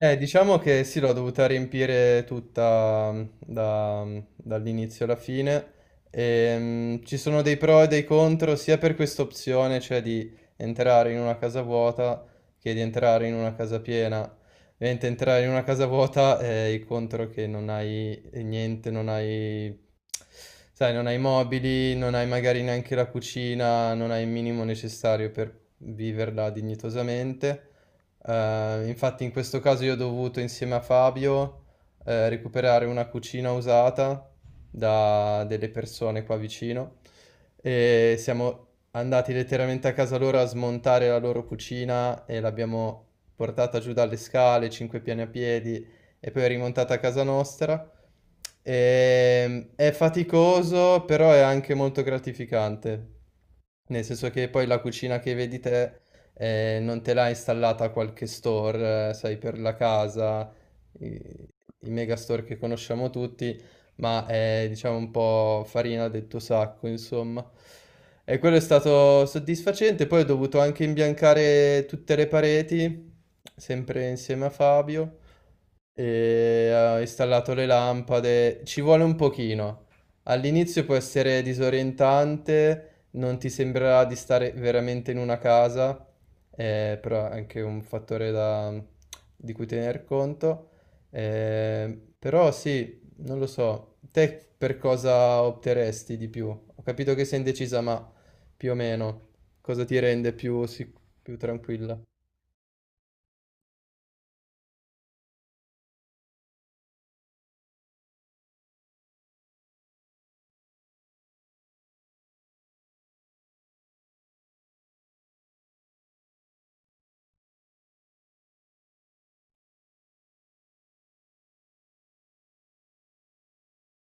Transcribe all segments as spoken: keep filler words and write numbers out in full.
Eh, diciamo che sì, l'ho dovuta riempire tutta mm, da- dall'inizio alla fine. Ehm, ci sono dei pro e dei contro sia per questa opzione, cioè di entrare in una casa vuota, che di entrare in una casa piena. Ovviamente entrare in una casa vuota è il contro che non hai eh, niente, non hai, sai, non hai mobili, non hai magari neanche la cucina, non hai il minimo necessario per viverla dignitosamente. Eh, infatti in questo caso io ho dovuto, insieme a Fabio, eh, recuperare una cucina usata da delle persone qua vicino, e siamo andati letteralmente a casa loro a smontare la loro cucina e l'abbiamo portata giù dalle scale, cinque piani a piedi, e poi rimontata a casa nostra. E, è faticoso, però è anche molto gratificante. Nel senso che poi la cucina che vedi te eh, non te l'ha installata a qualche store, eh, sai, per la casa, i, i megastore che conosciamo tutti, ma è, diciamo, un po' farina del tuo sacco, insomma. E quello è stato soddisfacente. Poi ho dovuto anche imbiancare tutte le pareti, sempre insieme a Fabio, e ho installato le lampade. Ci vuole un pochino. All'inizio può essere disorientante, non ti sembrerà di stare veramente in una casa, eh, però è anche un fattore da- di cui tener conto. Eh, però sì, non lo so. Te per cosa opteresti di più? Ho capito che sei indecisa, ma più o meno cosa ti rende più, sic- più tranquilla?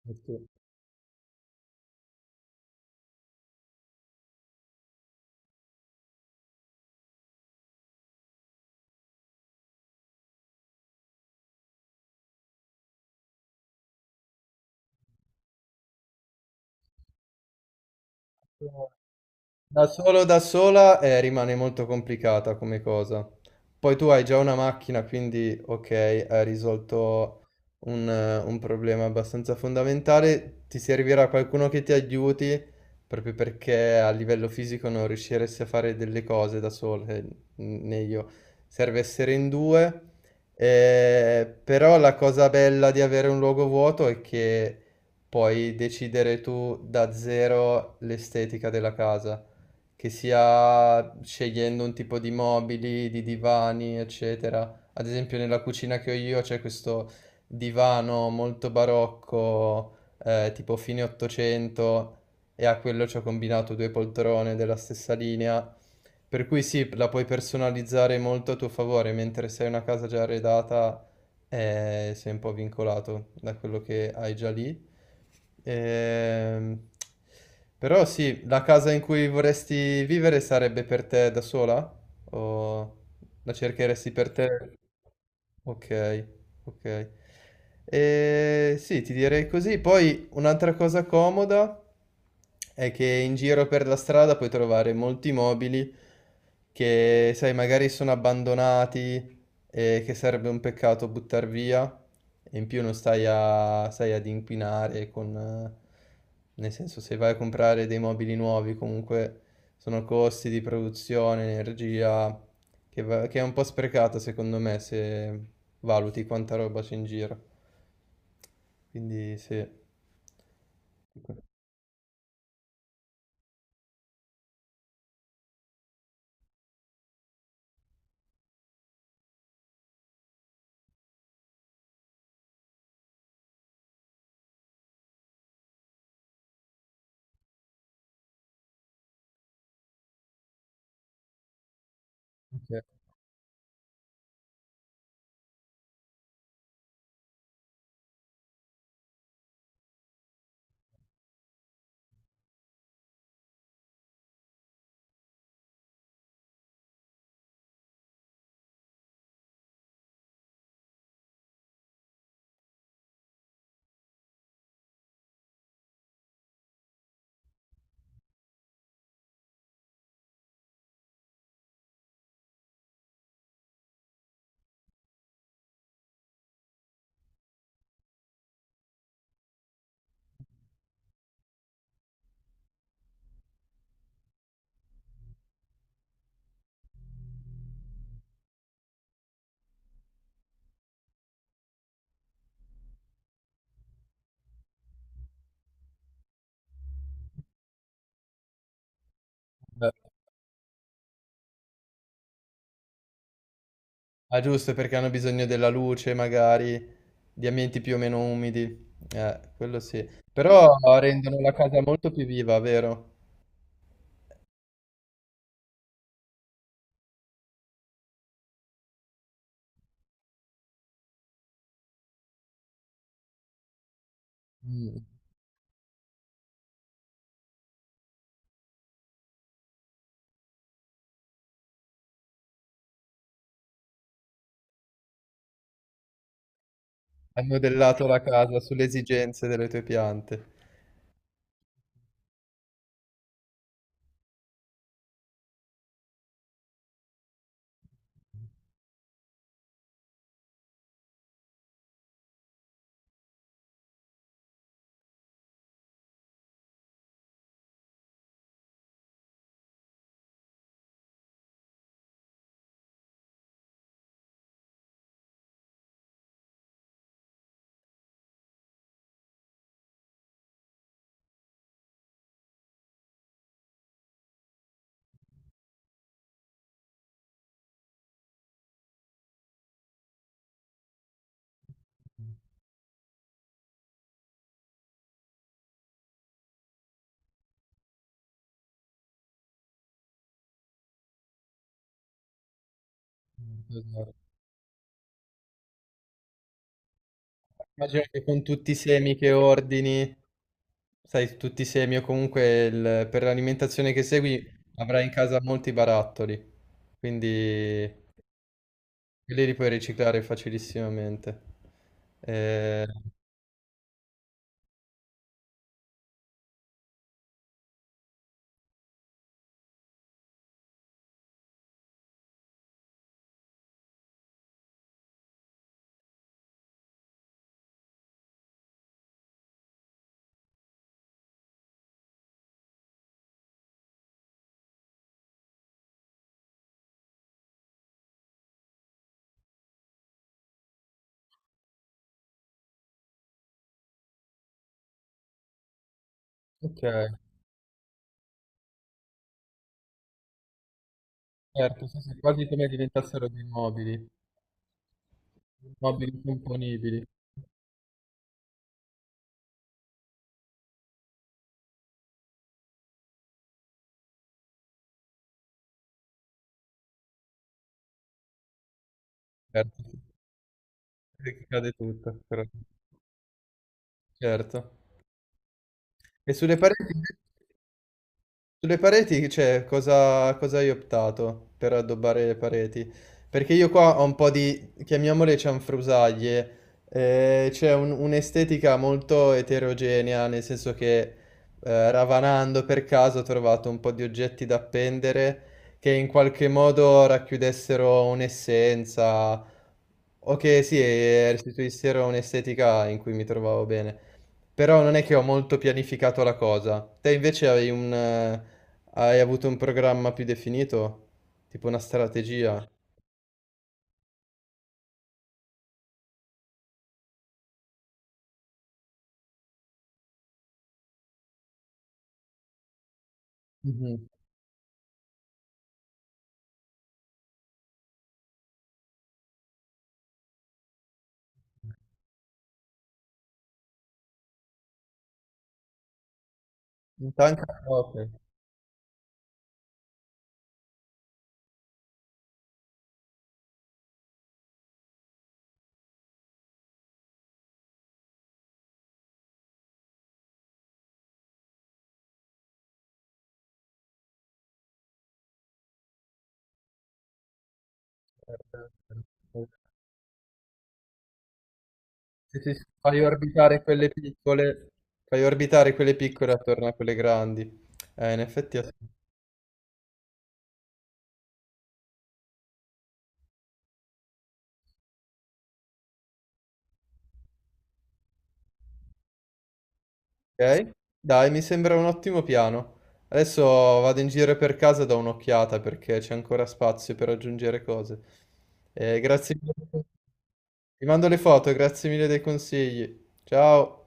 Ok. Da solo, da sola, eh, rimane molto complicata come cosa. Poi tu hai già una macchina, quindi ok, hai risolto un, eh, un problema abbastanza fondamentale. Ti servirà qualcuno che ti aiuti, proprio perché a livello fisico non riusciresti a fare delle cose da solo, eh, né io. Serve essere in due. Eh, però la cosa bella di avere un luogo vuoto è che puoi decidere tu da zero l'estetica della casa, che sia scegliendo un tipo di mobili, di divani, eccetera. Ad esempio, nella cucina che ho io c'è questo divano molto barocco, eh, tipo fine ottocento, e a quello ci ho combinato due poltrone della stessa linea. Per cui sì, la puoi personalizzare molto a tuo favore, mentre se hai una casa già arredata, eh, sei un po' vincolato da quello che hai già lì. Ehm, Però sì, la casa in cui vorresti vivere sarebbe per te da sola? O la cercheresti per te? Ok, ok. Eh, sì, ti direi così. Poi un'altra cosa comoda è che in giro per la strada puoi trovare molti mobili che, sai, magari sono abbandonati, e che sarebbe un peccato buttar via, e in più non stai, a, stai ad inquinare con... eh, nel senso, se vai a comprare dei mobili nuovi, comunque sono costi di produzione, energia, che, va- che è un po' sprecata secondo me se valuti quanta roba c'è in giro. Quindi sì. Ok. Beh, ah, giusto, perché hanno bisogno della luce, magari, di ambienti più o meno umidi. Eh, quello sì. Però rendono la casa molto più viva, vero? Mm, hai modellato la casa sulle esigenze delle tue piante. Esatto. Immagino che con tutti i semi che ordini, sai, tutti i semi o comunque il- per l'alimentazione che segui avrai in casa molti barattoli, quindi quelli li puoi riciclare facilissimamente. Eh, ok, certo, sì, sì, quasi come diventassero dei mobili, mobili componibili. Certo, sì, cade tutto, però certo. E sulle pareti? Sulle pareti, cioè, cosa, cosa hai optato per addobbare le pareti? Perché io qua ho un po' di, chiamiamole cianfrusaglie, eh, c'è un- un'estetica molto eterogenea, nel senso che eh, ravanando per caso ho trovato un po' di oggetti da appendere che in qualche modo racchiudessero un'essenza, o che sì, eh, restituissero un'estetica in cui mi trovavo bene. Però non è che ho molto pianificato la cosa. Te invece hai un, eh, hai avuto un programma più definito? Tipo una strategia? Mhm. In tanca? Ok. Sì, sì, sì. Fai orbitare quelle piccole, fai orbitare quelle piccole attorno a quelle grandi. Eh, in effetti ha ok? Dai, mi sembra un ottimo piano. Adesso vado in giro per casa e do un'occhiata perché c'è ancora spazio per aggiungere cose. Eh, grazie mille. Ti mando le foto, grazie mille dei consigli. Ciao.